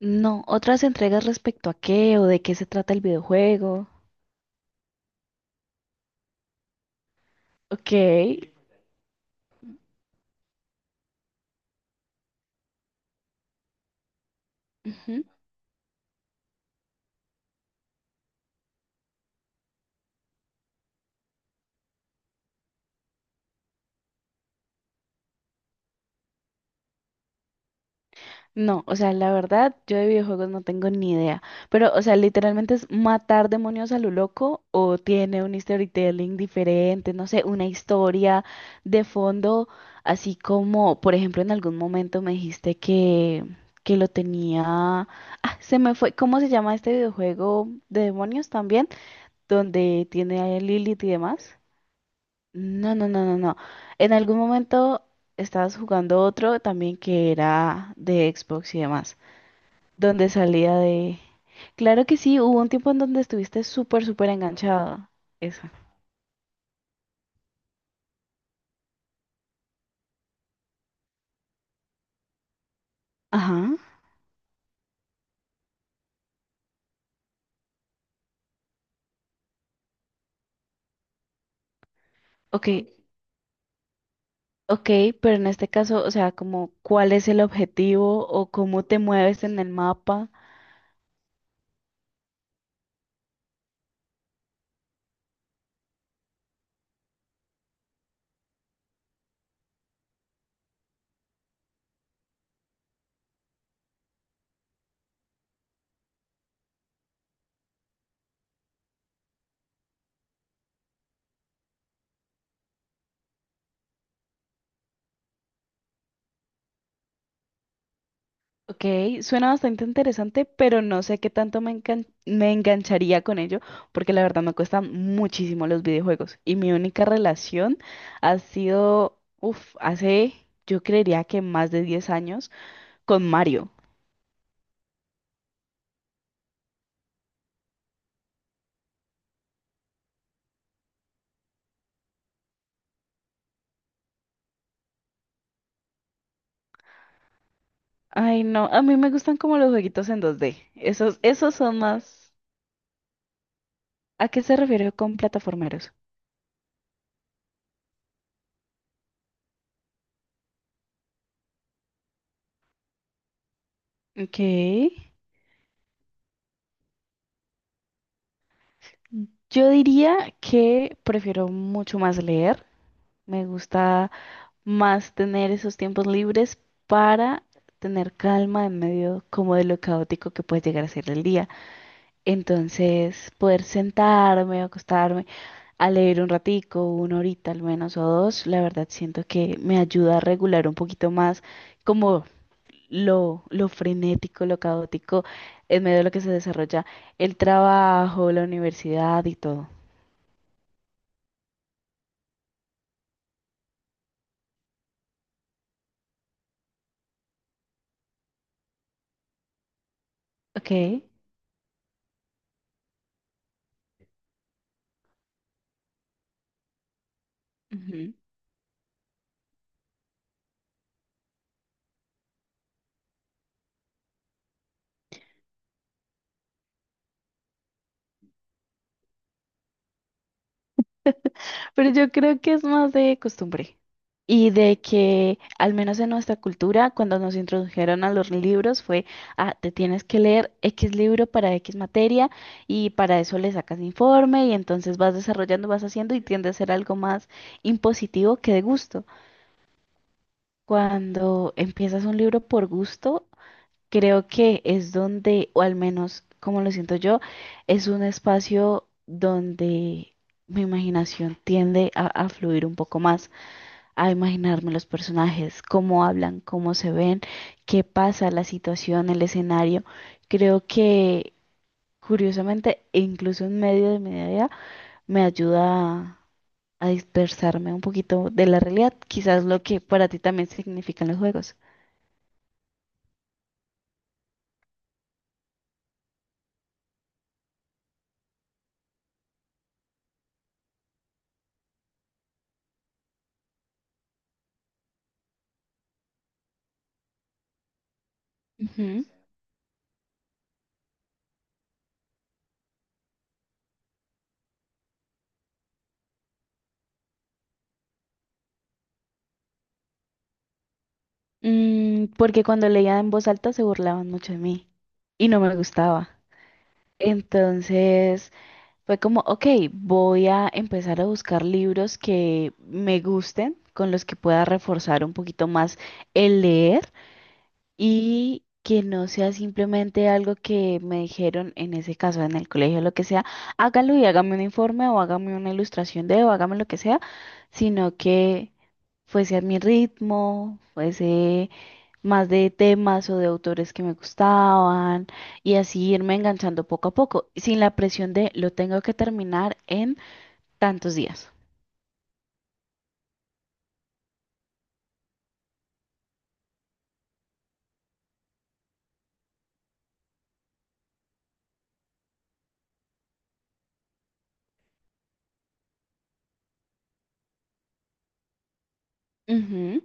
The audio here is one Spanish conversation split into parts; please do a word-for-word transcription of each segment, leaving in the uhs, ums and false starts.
No, otras entregas respecto a qué o de qué se trata el videojuego. Ok. Ujú. No, o sea, la verdad, yo de videojuegos no tengo ni idea. Pero, o sea, literalmente es matar demonios a lo loco o tiene un storytelling diferente, no sé, una historia de fondo, así como, por ejemplo, en algún momento me dijiste que, que lo tenía... Ah, se me fue, ¿cómo se llama este videojuego de demonios también? Donde tiene a Lilith y demás. No, no, no, no, no. En algún momento estabas jugando otro también que era de Xbox y demás, donde salía de... Claro que sí, hubo un tiempo en donde estuviste súper, súper enganchado. Esa. Ajá. Ok, ok, pero en este caso, o sea, como cuál es el objetivo o cómo te mueves en el mapa. Ok, suena bastante interesante, pero no sé qué tanto me encan- me engancharía con ello, porque la verdad me cuestan muchísimo los videojuegos. Y mi única relación ha sido, uff, hace, yo creería que más de diez años, con Mario. Ay, no, a mí me gustan como los jueguitos en dos D. Esos, esos son más. ¿A qué se refiere con plataformeros? Ok. Yo diría que prefiero mucho más leer. Me gusta más tener esos tiempos libres para tener calma en medio como de lo caótico que puede llegar a ser el día. Entonces, poder sentarme o acostarme a leer un ratico, una horita al menos o dos, la verdad siento que me ayuda a regular un poquito más como lo, lo frenético, lo caótico en medio de lo que se desarrolla el trabajo, la universidad y todo. Ok. Ujú. Pero yo creo que es más de costumbre y de que, al menos en nuestra cultura, cuando nos introdujeron a los libros fue, ah, te tienes que leer X libro para X materia y para eso le sacas informe y entonces vas desarrollando, vas haciendo y tiende a ser algo más impositivo que de gusto. Cuando empiezas un libro por gusto, creo que es donde, o al menos como lo siento yo, es un espacio donde mi imaginación tiende a a fluir un poco más a imaginarme los personajes, cómo hablan, cómo se ven, qué pasa, la situación, el escenario. Creo que, curiosamente, incluso en medio de mi día, me ayuda a dispersarme un poquito de la realidad, quizás lo que para ti también significan los juegos. Ujú. Mm, porque cuando leía en voz alta se burlaban mucho de mí y no me gustaba. Entonces... Fue como, ok, voy a empezar a buscar libros que me gusten, con los que pueda reforzar un poquito más el leer y que no sea simplemente algo que me dijeron en ese caso, en el colegio, lo que sea, hágalo y hágame un informe o hágame una ilustración de o hágame lo que sea, sino que fuese a mi ritmo, fuese más de temas o de autores que me gustaban y así irme enganchando poco a poco, sin la presión de lo tengo que terminar en tantos días. Ujú,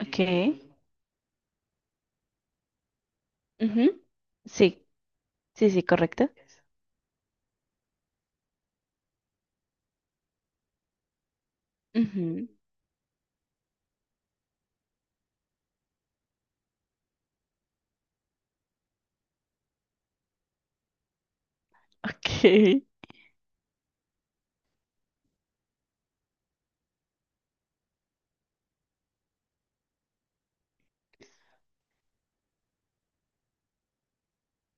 ok. Ujú, sí, sí, sí, correcto. Ujú. Ok.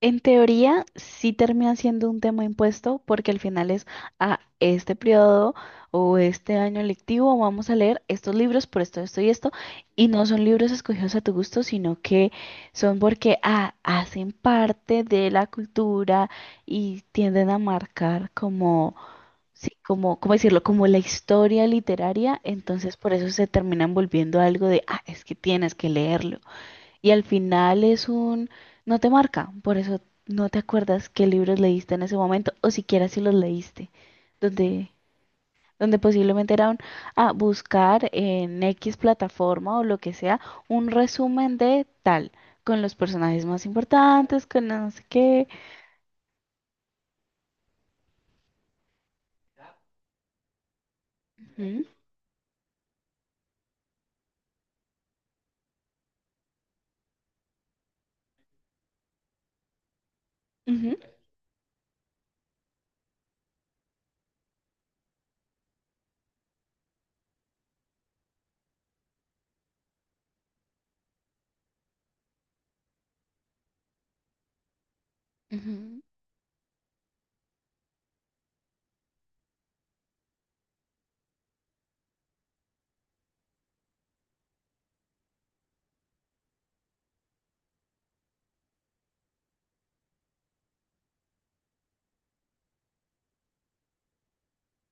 En teoría, sí termina siendo un tema impuesto porque al final es a este periodo o este año lectivo vamos a leer estos libros por esto, esto y esto. Y no son libros escogidos a tu gusto, sino que son porque ah, hacen parte de la cultura y tienden a marcar como, sí, como, ¿cómo decirlo? Como la historia literaria. Entonces, por eso se terminan volviendo algo de, ah, es que tienes que leerlo. Y al final es un, no te marca, por eso no te acuerdas qué libros leíste en ese momento o siquiera si los leíste, donde, donde posiblemente era un, ah, buscar en X plataforma o lo que sea un resumen de tal, con los personajes más importantes, con no sé qué. Ujú, ujú, ujú.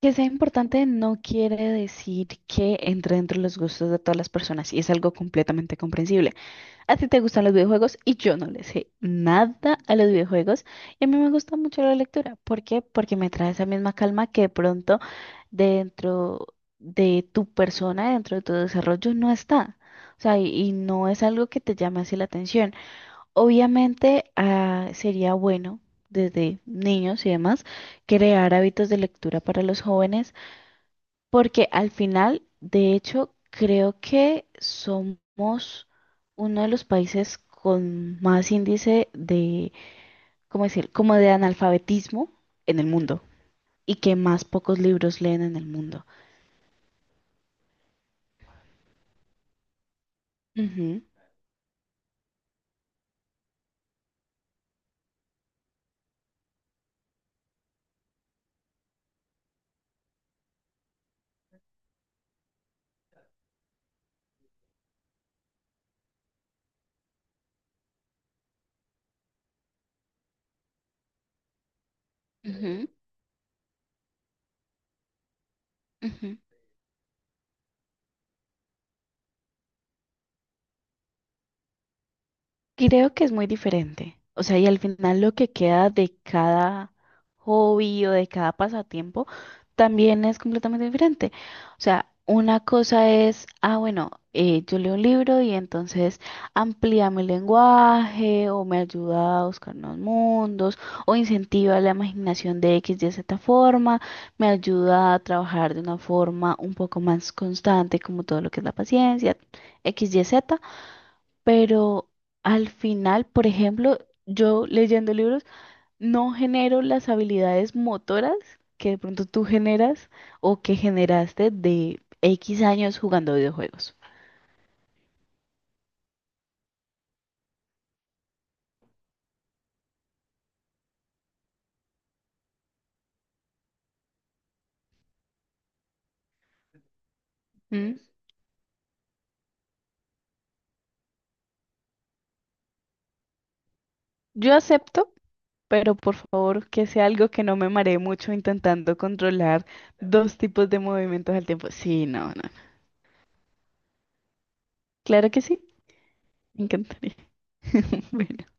Que sea importante no quiere decir que entre dentro de los gustos de todas las personas y es algo completamente comprensible. A ti te gustan los videojuegos y yo no le sé nada a los videojuegos. Y a mí me gusta mucho la lectura. ¿Por qué? Porque me trae esa misma calma que de pronto dentro de tu persona, dentro de tu desarrollo, no está. O sea, y, y no es algo que te llame así la atención. Obviamente, ah, sería bueno desde niños y demás crear hábitos de lectura para los jóvenes porque al final, de hecho, creo que somos uno de los países con más índice de, ¿cómo decir? Como de analfabetismo en el mundo y que más pocos libros leen en el mundo. Ujú, ujú, ujú. Creo que es muy diferente. O sea, y al final lo que queda de cada hobby o de cada pasatiempo también es completamente diferente. O sea, una cosa es, ah, bueno, eh, yo leo un libro y entonces amplía mi lenguaje o me ayuda a buscar nuevos mundos o incentiva la imaginación de X, Y, Z forma, me ayuda a trabajar de una forma un poco más constante como todo lo que es la paciencia, X, Y, Z, pero al final, por ejemplo, yo leyendo libros no genero las habilidades motoras que de pronto tú generas o que generaste de X años jugando videojuegos. ¿Mm? Yo acepto, pero por favor que sea algo que no me maree mucho intentando controlar dos tipos de movimientos al tiempo. Sí, no, no, no. Claro que sí, me encantaría.